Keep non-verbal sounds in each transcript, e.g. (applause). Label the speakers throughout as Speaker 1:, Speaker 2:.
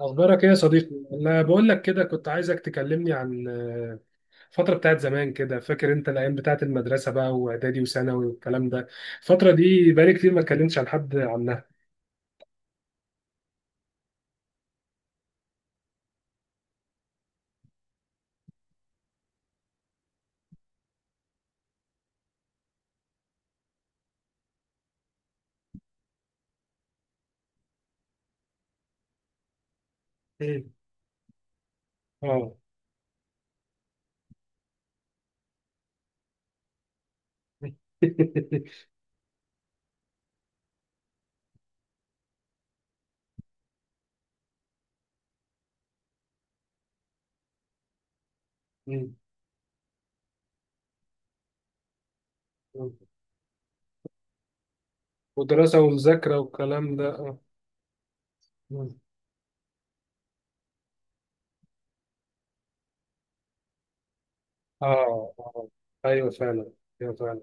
Speaker 1: أخبارك إيه يا صديقي؟ أنا بقول لك كده كنت عايزك تكلمني عن الفترة بتاعت زمان كده، فاكر أنت الأيام بتاعت المدرسة بقى وإعدادي وثانوي والكلام ده، الفترة دي بقالي كتير ما اتكلمتش عن حد عنها. إيه؟ آه. (laughs) مم. ودراسة ومذاكرة والكلام ده آه. مم. آه آه. أيوه فعلا. أيوه فعلا.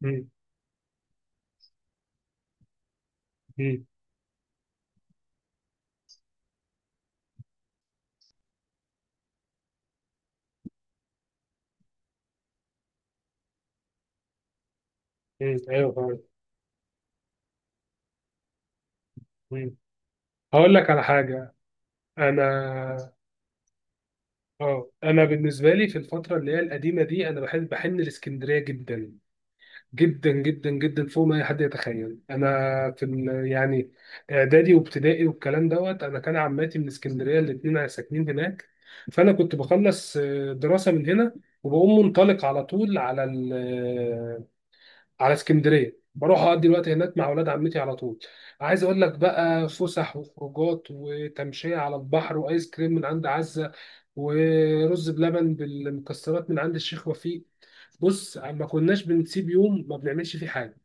Speaker 1: مم. مم. مم. أيوه فعلا. مم. هقول لك على حاجة. أنا اه انا بالنسبه لي في الفتره اللي هي القديمه دي انا بحب بحن الاسكندريه جدا جدا جدا جدا فوق ما اي حد يتخيل. انا يعني اعدادي وابتدائي والكلام دوت، انا كان عماتي من اسكندريه الاثنين ساكنين هناك، فانا كنت بخلص دراسه من هنا وبقوم منطلق على طول على اسكندريه، بروح اقضي الوقت هناك مع اولاد عمتي على طول. عايز اقول لك بقى فسح وخروجات وتمشيه على البحر وايس كريم من عند عزه، ورز بلبن بالمكسرات من عند الشيخ وفيق. بص، ما كناش بنسيب يوم ما بنعملش فيه حاجه،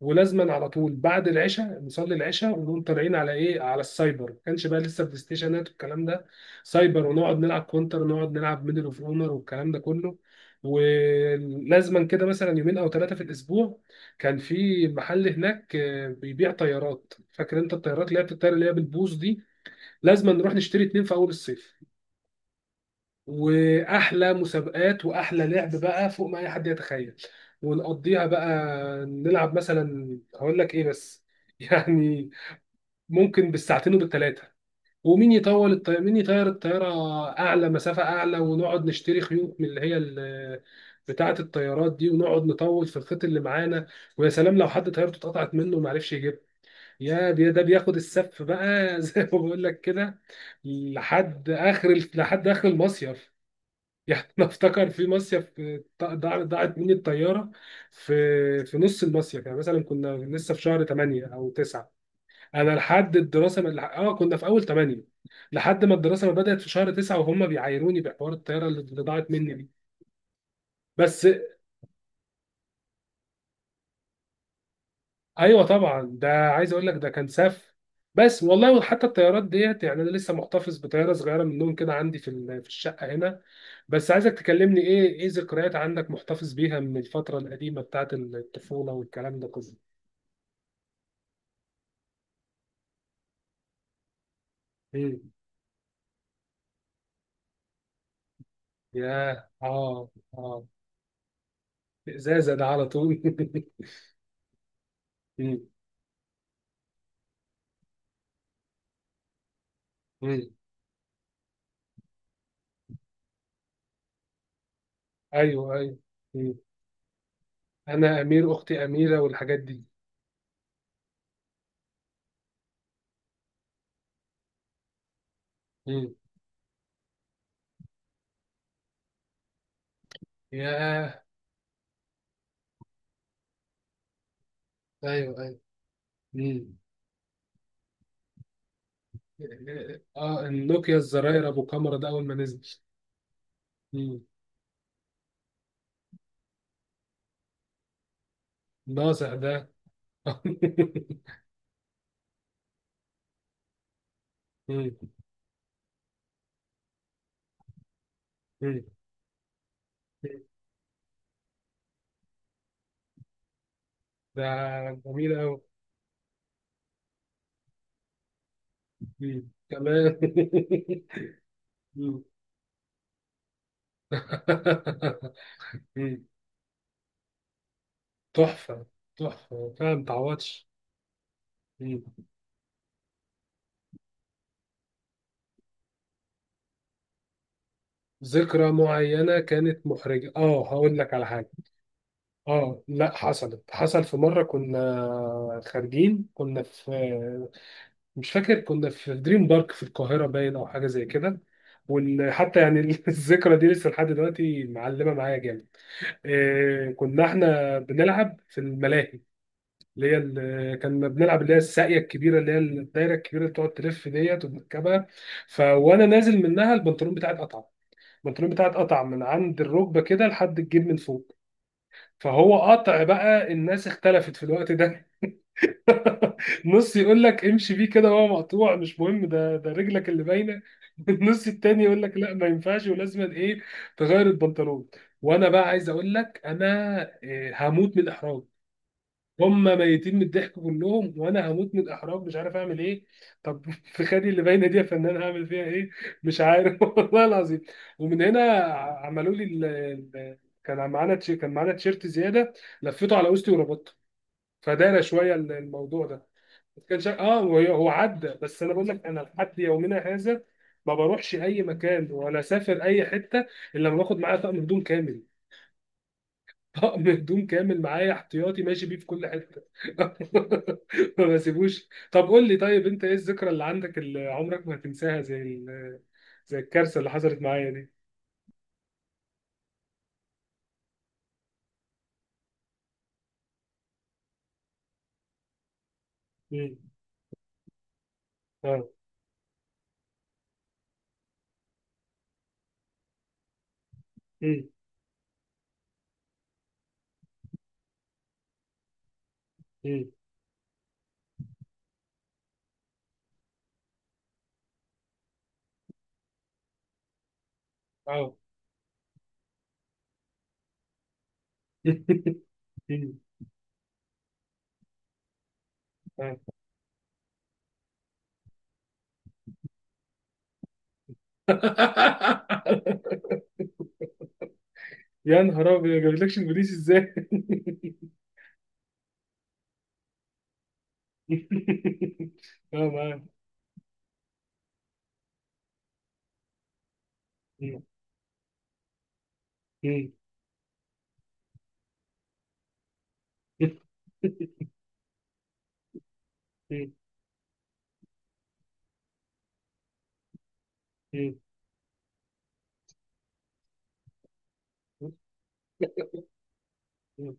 Speaker 1: ولازما على طول بعد العشاء نصلي العشاء ونقوم طالعين على ايه، على السايبر، ما كانش بقى لسه بلاي ستيشنات والكلام ده. سايبر ونقعد نلعب كونتر ونقعد نلعب ميدل اوف اونر والكلام ده كله، ولازما كده مثلا يومين او ثلاثه في الاسبوع. كان في محل هناك بيبيع طيارات، فاكر انت الطيارات اللي هي بتطير اللي هي بالبوص دي؟ لازما نروح نشتري اتنين في اول الصيف، واحلى مسابقات واحلى لعب بقى فوق ما اي حد يتخيل. ونقضيها بقى نلعب مثلا، هقول لك ايه بس (laughs) يعني، ممكن بالساعتين وبالثلاثه، ومين يطول الطيارة، مين يطير الطيارة أعلى مسافة أعلى. ونقعد نشتري خيوط من اللي هي بتاعة الطيارات دي، ونقعد نطول في الخيط اللي معانا. ويا سلام لو حد طيارته اتقطعت منه وما عرفش يجيبها، ده بياخد السف بقى، (laughs) زي ما بقول لك كده، لحد آخر المصيف. (laughs) يعني انا افتكر في مصيف ضاعت مني الطياره في في نص المصيف، يعني مثلا كنا لسه في شهر 8 او 9، انا لحد الدراسه ما كنا في اول 8، لحد ما الدراسه ما بدات في شهر 9 وهم بيعايروني بحوار الطياره اللي ضاعت مني دي. بس ايوه طبعا، ده عايز اقول لك ده كان سف. بس والله، وحتى الطيارات ديت، يعني انا لسه محتفظ بطياره صغيره منهم كده عندي في الشقه هنا. بس عايزك تكلمني ايه ايه ذكريات عندك محتفظ بيها من الفتره القديمه بتاعت الطفوله والكلام ده كله. مم. ياه، اه اه. ازازه ده على طول. (laughs) مم. مم. ايوه ايوه. مم. انا امير، اختي اميره والحاجات دي. مم. ياه. ايوه ايوه. مم. اه النوكيا الزراير ابو كاميرا ده اول ما نزل. مم. ناصح ده. (laughs) مم. مم. ده جميل قوي كمان. (laughs) مم. مم. تحفة. تحفة فعلا، متعوضش. مم. ذكرى معينة كانت محرجة؟ اه، هقول لك على حاجة. اه، لا، حصلت، حصل في مرة كنا خارجين، كنا في، مش فاكر، كنا في دريم بارك في القاهرة باين أو حاجة زي كده. وحتى يعني (laughs) الذكرى دي لسه لحد دلوقتي معلمة معايا جامد. إيه، كنا احنا بنلعب في الملاهي اللي هي كنا بنلعب اللي هي الساقية الكبيرة اللي هي الدايرة الكبيرة اللي بتقعد تلف ديت وبنركبها. فوانا نازل منها البنطلون بتاعي اتقطع، البنطلون بتاعي اتقطع من عند الركبة كده لحد الجيب من فوق. فهو قطع بقى، الناس اختلفت في الوقت ده، (laughs) نص يقول لك امشي بيه كده وهو مقطوع، مش مهم ده، ده رجلك اللي باينه، (laughs) النص التاني يقول لك لا ما ينفعش ولازم ايه، تغير البنطلون. وانا بقى عايز اقول لك انا إيه، هموت من الاحراج. هم ميتين من الضحك كلهم وانا هموت من الاحراج مش عارف اعمل ايه. طب (laughs) في خدي اللي باينه دي يا فنان هعمل فيها ايه؟ مش عارف، (laughs) والله العظيم. ومن هنا عملوا لي ال- كان معانا تيشيرت زياده، لفيته على وسطي وربطته، فدار شويه الموضوع ده. كان شا... اه وهي- هو عدى، بس انا بقول لك انا لحد يومنا هذا ما بروحش اي مكان ولا اسافر اي حته الا لما باخد معايا طقم هدوم كامل. (laughs) طقم هدوم كامل معايا احتياطي ماشي بيه في كل حته. (laughs) ما بسيبوش. طب قول لي طيب، انت ايه الذكرى اللي عندك اللي عمرك ما هتنساها زي زي الكارثه اللي حصلت معايا دي؟ مم. اه. مم. مم. اه. (laughs) مم. آه. (laughs) يا نهار ابيض، ما جابلكش البوليس ازاي؟ (laughs) (laughs) اه، معاك. مم. مم. مم. مم. مم.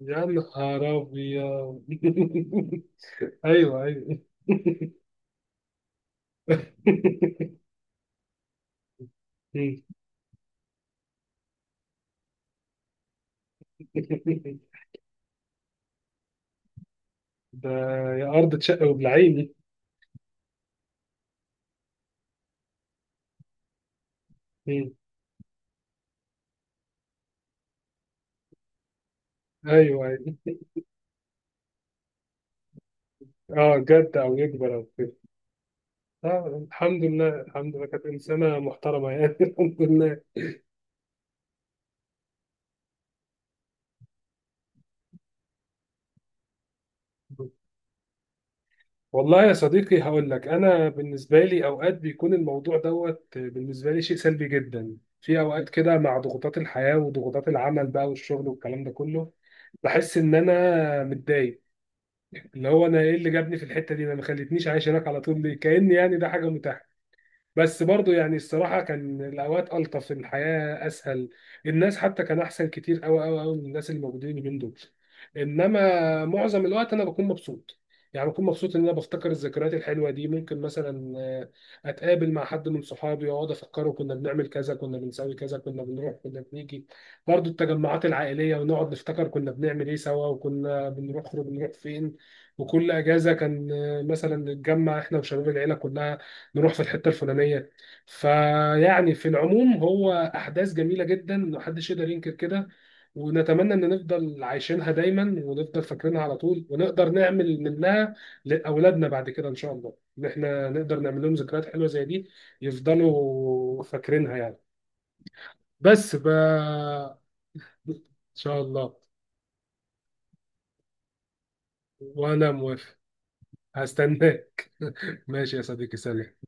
Speaker 1: يا نهار ابيض. (laughs) ايوه ايوه. مم. ده يا ارض تشق وبلعيني. مم. ايوه ايوه. اه، جد او يكبر او كده. آه، الحمد لله، الحمد لله، كانت انسانه محترمه يعني. (laughs) الحمد لله. والله يا صديقي، هقول لك، انا بالنسبه لي اوقات بيكون الموضوع دوت بالنسبه لي شيء سلبي جدا. في اوقات كده مع ضغوطات الحياه وضغوطات العمل بقى والشغل والكلام ده كله، بحس ان انا متضايق، اللي هو انا ايه اللي جابني في الحته دي؟ ما خلتنيش عايش هناك على طول ليه؟ كاني يعني ده حاجه متاحه. بس برضو يعني الصراحة كان الأوقات ألطف، الحياة أسهل، الناس حتى كان أحسن كتير أوي أوي أوي من الناس اللي موجودين اليومين دول. إنما معظم الوقت أنا بكون مبسوط، يعني بكون مبسوط إن أنا بفتكر الذكريات الحلوة دي. ممكن مثلا أتقابل مع حد من صحابي وأقعد أفكره كنا بنعمل كذا، كنا بنسوي كذا، كنا بنروح، كنا بنيجي، برضو التجمعات العائلية، ونقعد نفتكر كنا بنعمل إيه سوا، وكنا بنروح فين. وكل أجازة كان مثلا نتجمع إحنا وشباب العيلة كلها نروح في الحته الفلانيه. فيعني في العموم هو احداث جميله جدا محدش يقدر ينكر كده، ونتمنى ان نفضل عايشينها دايما ونفضل فاكرينها على طول، ونقدر نعمل منها لاولادنا بعد كده ان شاء الله، ان احنا نقدر نعمل لهم ذكريات حلوه زي دي يفضلوا فاكرينها يعني. ان شاء الله. وانا موافق، هستناك. ماشي يا صديقي، سلام.